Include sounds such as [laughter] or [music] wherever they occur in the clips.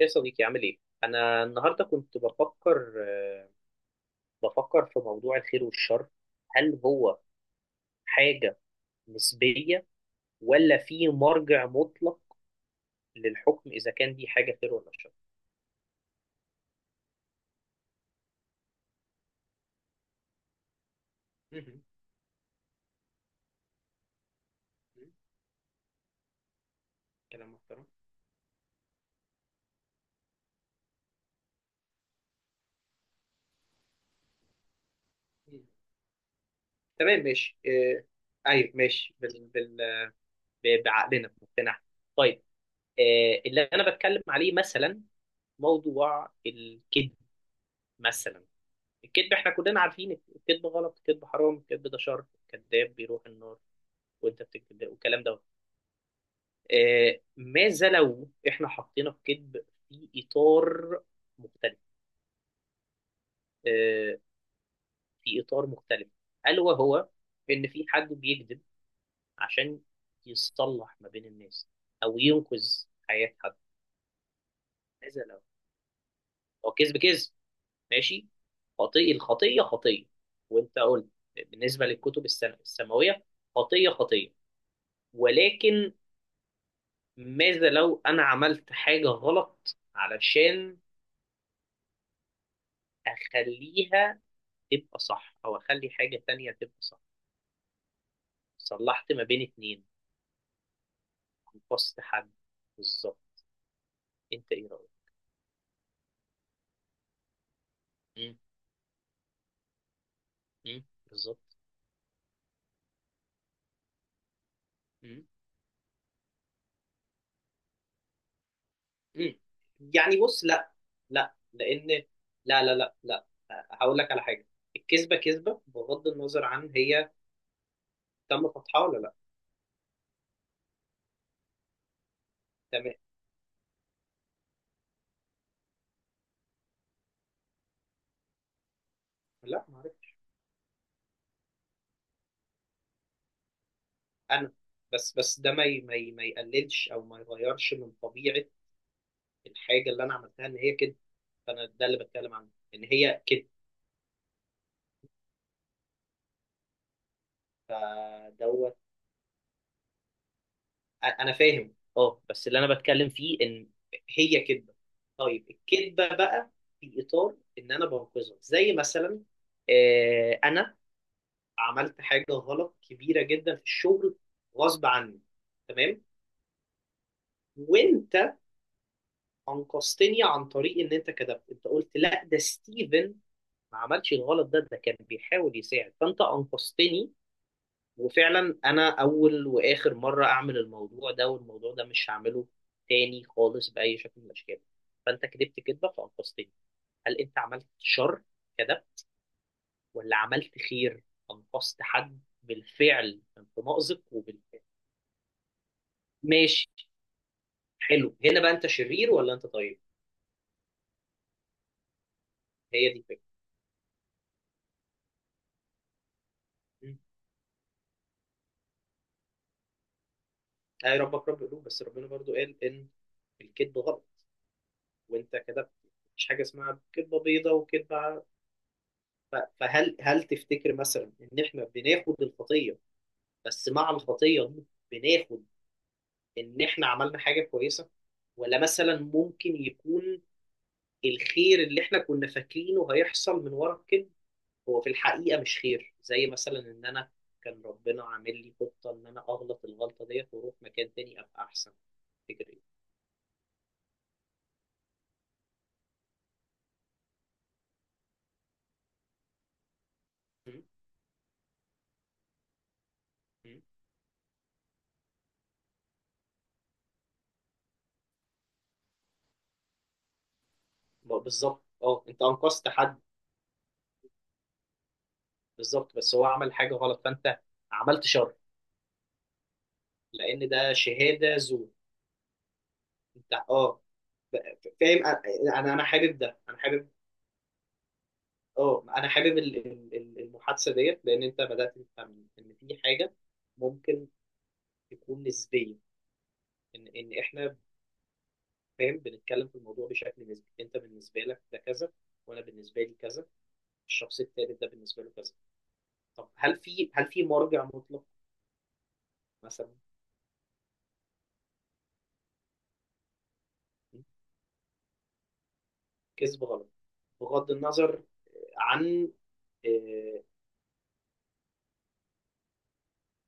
يا صديقي عامل ايه؟ أنا النهاردة كنت بفكر بفكر في موضوع الخير والشر، هل هو حاجة نسبية، ولا في مرجع مطلق للحكم إذا كان دي حاجة خير ولا شر؟ مهم. مهم. كلام محترم. مهم. تمام ماشي إيه. ايوه ماشي بعقلنا بمقتنعنا. طيب، اللي أنا بتكلم عليه مثلا موضوع الكذب. مثلا الكذب احنا كلنا عارفين الكذب غلط، الكذب حرام، الكذب ده شر، الكذاب بيروح النار، وانت بتكتب ده والكلام ده. ماذا لو احنا حطينا الكذب في اطار مختلف؟ آه، في اطار مختلف، الا وهو ان في حد بيكذب عشان يصلح ما بين الناس او ينقذ حياة حد. ماذا لو؟ هو كذب كذب، ماشي، خطيئة، الخطية خطية، وانت قلت بالنسبة السماوية خطية خطية، ولكن ماذا لو انا عملت حاجة غلط علشان اخليها تبقى صح، او اخلي حاجة تانية تبقى صح، صلحت ما بين اتنين، انقصت حد؟ بالظبط. انت ايه رأيك؟ مم. مم. بالظبط. مم. مم. يعني بص لا لا لان لا، هقول لك على حاجة، الكذبة كذبة بغض النظر عن هي تم فتحها ولا لا. تمام. لا معرفش. انا؟ بس ده ما يقللش او ما يغيرش من طبيعة الحاجة اللي انا عملتها، ان هي كده. فانا ده اللي بتكلم عنه، ان هي كده. فدوت. انا فاهم، اه، بس اللي انا بتكلم فيه ان هي كذبه. طيب الكذبه بقى في اطار ان انا بنقذها، زي مثلا، انا عملت حاجه غلط كبيره جدا في الشغل غصب عني، تمام، وانت انقذتني عن طريق ان انت كذبت، انت قلت لا ده ستيفن ما عملش الغلط ده، ده كان بيحاول يساعد، فانت انقذتني. وفعلا انا اول واخر مره اعمل الموضوع ده، والموضوع ده مش هعمله تاني خالص باي شكل من الاشكال. فانت كدبت كدبه فانقذتني. هل انت عملت شر؟ كدب، ولا عملت خير، انقذت حد بالفعل انت مأزق، وبالفعل. ماشي. حلو، هنا بقى انت شرير ولا انت طيب؟ هي دي الفكره. م. اي ربك رب قلوب، بس ربنا برضو قال ان الكذب غلط، وانت كدبت، مفيش حاجه اسمها كذبه بيضاء وكذبه. فهل تفتكر مثلا ان احنا بناخد الخطيه، بس مع الخطيه دي بناخد ان احنا عملنا حاجه كويسه؟ ولا مثلا ممكن يكون الخير اللي احنا كنا فاكرينه هيحصل من ورا الكذب هو في الحقيقه مش خير؟ زي مثلا ان انا كان ربنا عامل لي خطه ان انا اغلط الغلطه ديت واروح مكان تاني ابقى احسن. تفتكر ايه؟ م؟ م؟ بالظبط، اه، انت انقذت حد. بالظبط، بس هو عمل حاجه غلط فانت عملت شر، لان ده شهاده زور. انت، اه. فاهم انا. أنا حابب ده، انا حابب، اه، انا حابب المحادثه ديت لان انت بدات تفهم ان في حاجه ممكن تكون نسبيه، ان احنا، فاهم، بنتكلم في الموضوع بشكل نسبي، انت بالنسبه لك ده كذا، وانا بالنسبه لي كذا، الشخص التالت ده بالنسبه له كذا. طب هل في، مرجع مطلق مثلا؟ كذب غلط، بغض النظر عن، آه،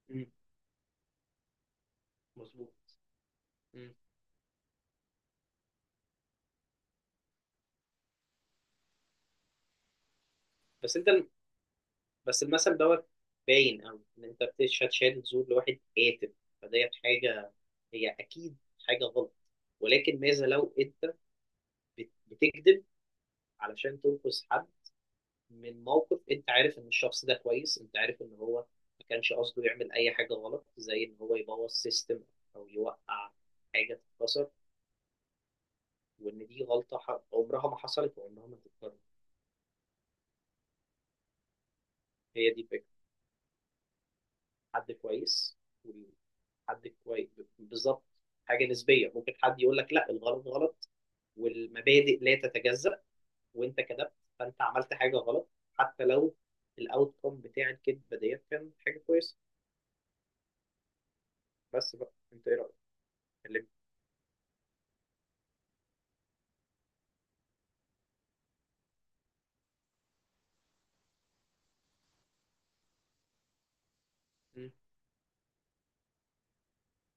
مم، مظبوط. مم. بس انت، بس المثل دوت باين أوي إن أنت هتشهد زور لواحد قاتل، فديت حاجة هي أكيد حاجة غلط، ولكن ماذا لو أنت بتكذب علشان تنقذ حد من موقف، أنت عارف إن الشخص ده كويس، أنت عارف إن هو ما كانش قصده يعمل أي حاجة غلط، زي إن هو يبوظ سيستم أو يوقع حاجة تتكسر، وإن دي غلطة عمرها ما حصلت وعمرها ما هتتكرر. هي دي الفكرة، حد كويس، حد كويس. بالظبط. حاجه نسبيه، ممكن حد يقول لك لا الغلط غلط، والمبادئ لا تتجزأ، وانت كذبت، فانت عملت حاجه غلط حتى لو الاوت كوم بتاع الكذبه ديت كان حاجه كويسه. بس بقى انت ايه رايك؟ اللي... مم.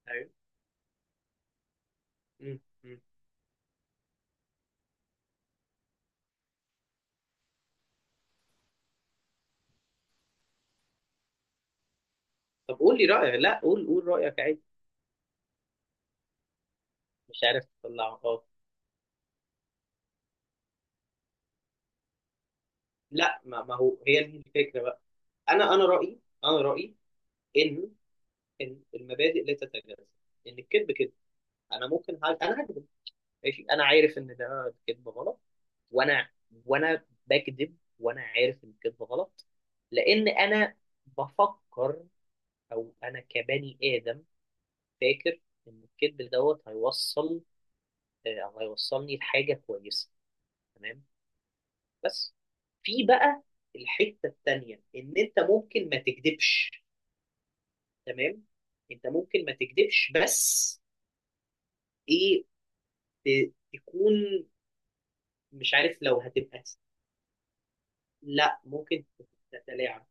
ايوه. مم. مم. طب قول لي رايك، لا قول، قول رايك عادي. مش عارف تطلع، اه. لا، ما هو هي دي الفكره بقى. انا رايي، انا رايي ان، ان المبادئ لا تتجزأ، ان الكذب كده. انا ممكن انا هكذب، ماشي، انا عارف ان ده كذب غلط، وانا وانا بكذب وانا عارف ان الكذب غلط لان انا بفكر، او انا كبني ادم فاكر ان الكذب دوت هيوصل، او هيوصلني لحاجه كويسه. تمام. بس في بقى الحته التانيه، ان انت ممكن ما تكذبش. تمام. انت ممكن ما تكذبش، بس ايه، تكون، مش عارف لو هتبقى، لا ممكن تتلاعب،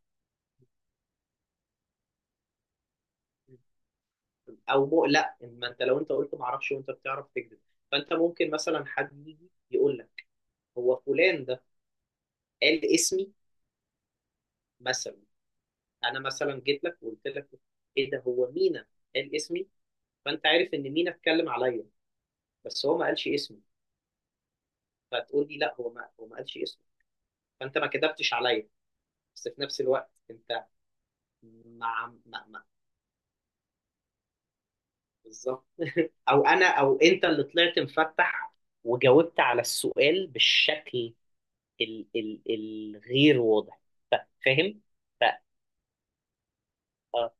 او مقلق، ان ما انت لو انت قلت ما اعرفش وانت بتعرف تكذب، فانت ممكن مثلا حد يجي يقول لك هو فلان ده قال اسمي مثلا، انا مثلا جيت لك وقلت لك ايه ده، هو مينا قال اسمي؟ فانت عارف ان مينا اتكلم عليا، بس هو ما قالش اسمي، فتقول لي لا هو ما قالش اسمي. فانت ما كذبتش عليا، بس في نفس الوقت انت، مع ما ما، بالظبط. او انت اللي طلعت مفتح وجاوبت على السؤال بالشكل ال ال الغير واضح. فاهم. فا- آه،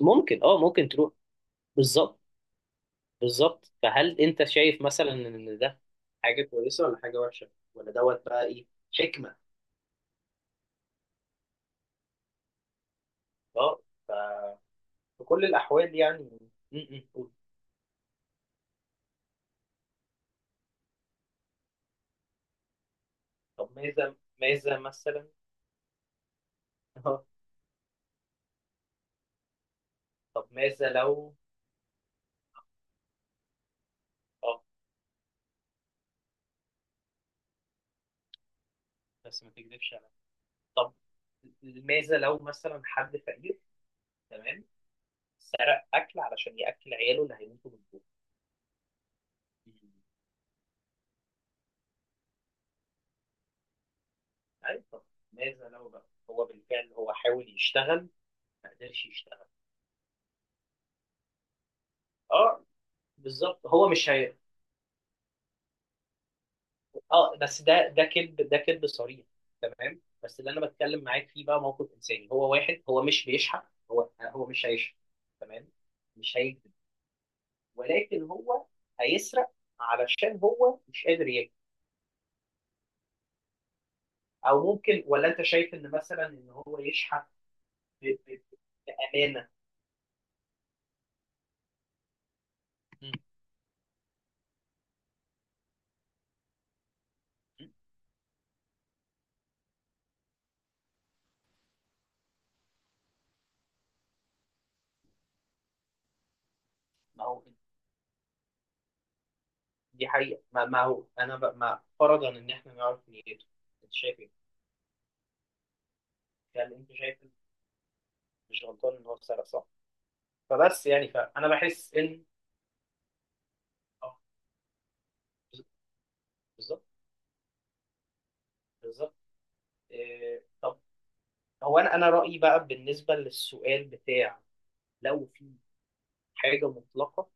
ممكن، اه، ممكن تروح. بالظبط، بالظبط. فهل انت شايف مثلا ان ده حاجه كويسه ولا حاجه وحشه، ولا دوت بقى ايه، حكمه؟ اه، في كل الأحوال يعني. م. قول. طب ماذا، ماذا مثلا؟ [laughs] اه. طب ماذا لو؟ اه، بس ما تكذبش عليا. طب ماذا لو مثلا حد فقير، تمام، سرق أكل علشان يأكل عياله اللي هيموتوا من الجوع؟ ايوه. ماذا لو بقى هو بالفعل، هو حاول يشتغل ما قدرش يشتغل؟ اه، بالظبط. هو مش هي. اه، بس ده ده كذب، ده كذب صريح، تمام. بس اللي انا بتكلم معاك فيه بقى موقف انساني، هو واحد هو مش بيشحت، هو مش هيشحت، تمام، مش هيكذب، ولكن هو هيسرق علشان هو مش قادر ياكل. او ممكن، ولا انت شايف ان مثلا ان هو يشحت؟ ب- ب- بامانه. مم. ما هو، دي حقيقة، ما هو أنا ما، فرضا إن إحنا نعرف نيته، أنت شايف إيه؟ يعني أنت شايف إن مش غلطان إن هو سرق، صح؟ فبس يعني، فأنا بحس إن، آه، بالظبط، بالظبط. إيه... طب، هو أنا رأيي بقى بالنسبة للسؤال بتاع لو في حاجة مطلقة،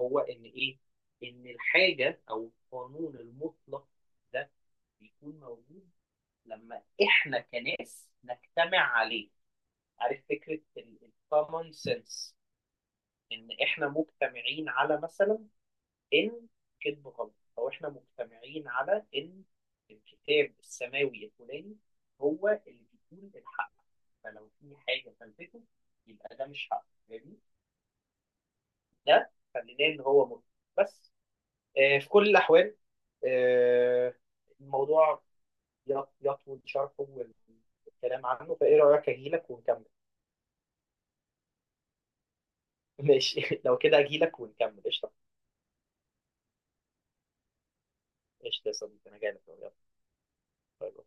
هو إن إيه؟ إن الحاجة، أو القانون المطلق ده، بيكون موجود لما إحنا كناس نجتمع عليه. عارف فكرة الكومن سنس؟ ان احنا مجتمعين على مثلا ان كذب غلط، او احنا مجتمعين على ان الكتاب السماوي الفلاني هو اللي بيقول الحق، فلو في حاجه فلتته يبقى ده مش حق، فاهمني؟ ده خليناه ان هو ملحد. بس، آه، في كل الاحوال، آه، الموضوع يطول شرحه والكلام عنه، فايه رايك اجيلك ونكمل؟ [laughs] ماشي، لو كده اجيلك ونكمل قشطه. قشطه يا صديقي، انا جاي لك، يلا. باي باي.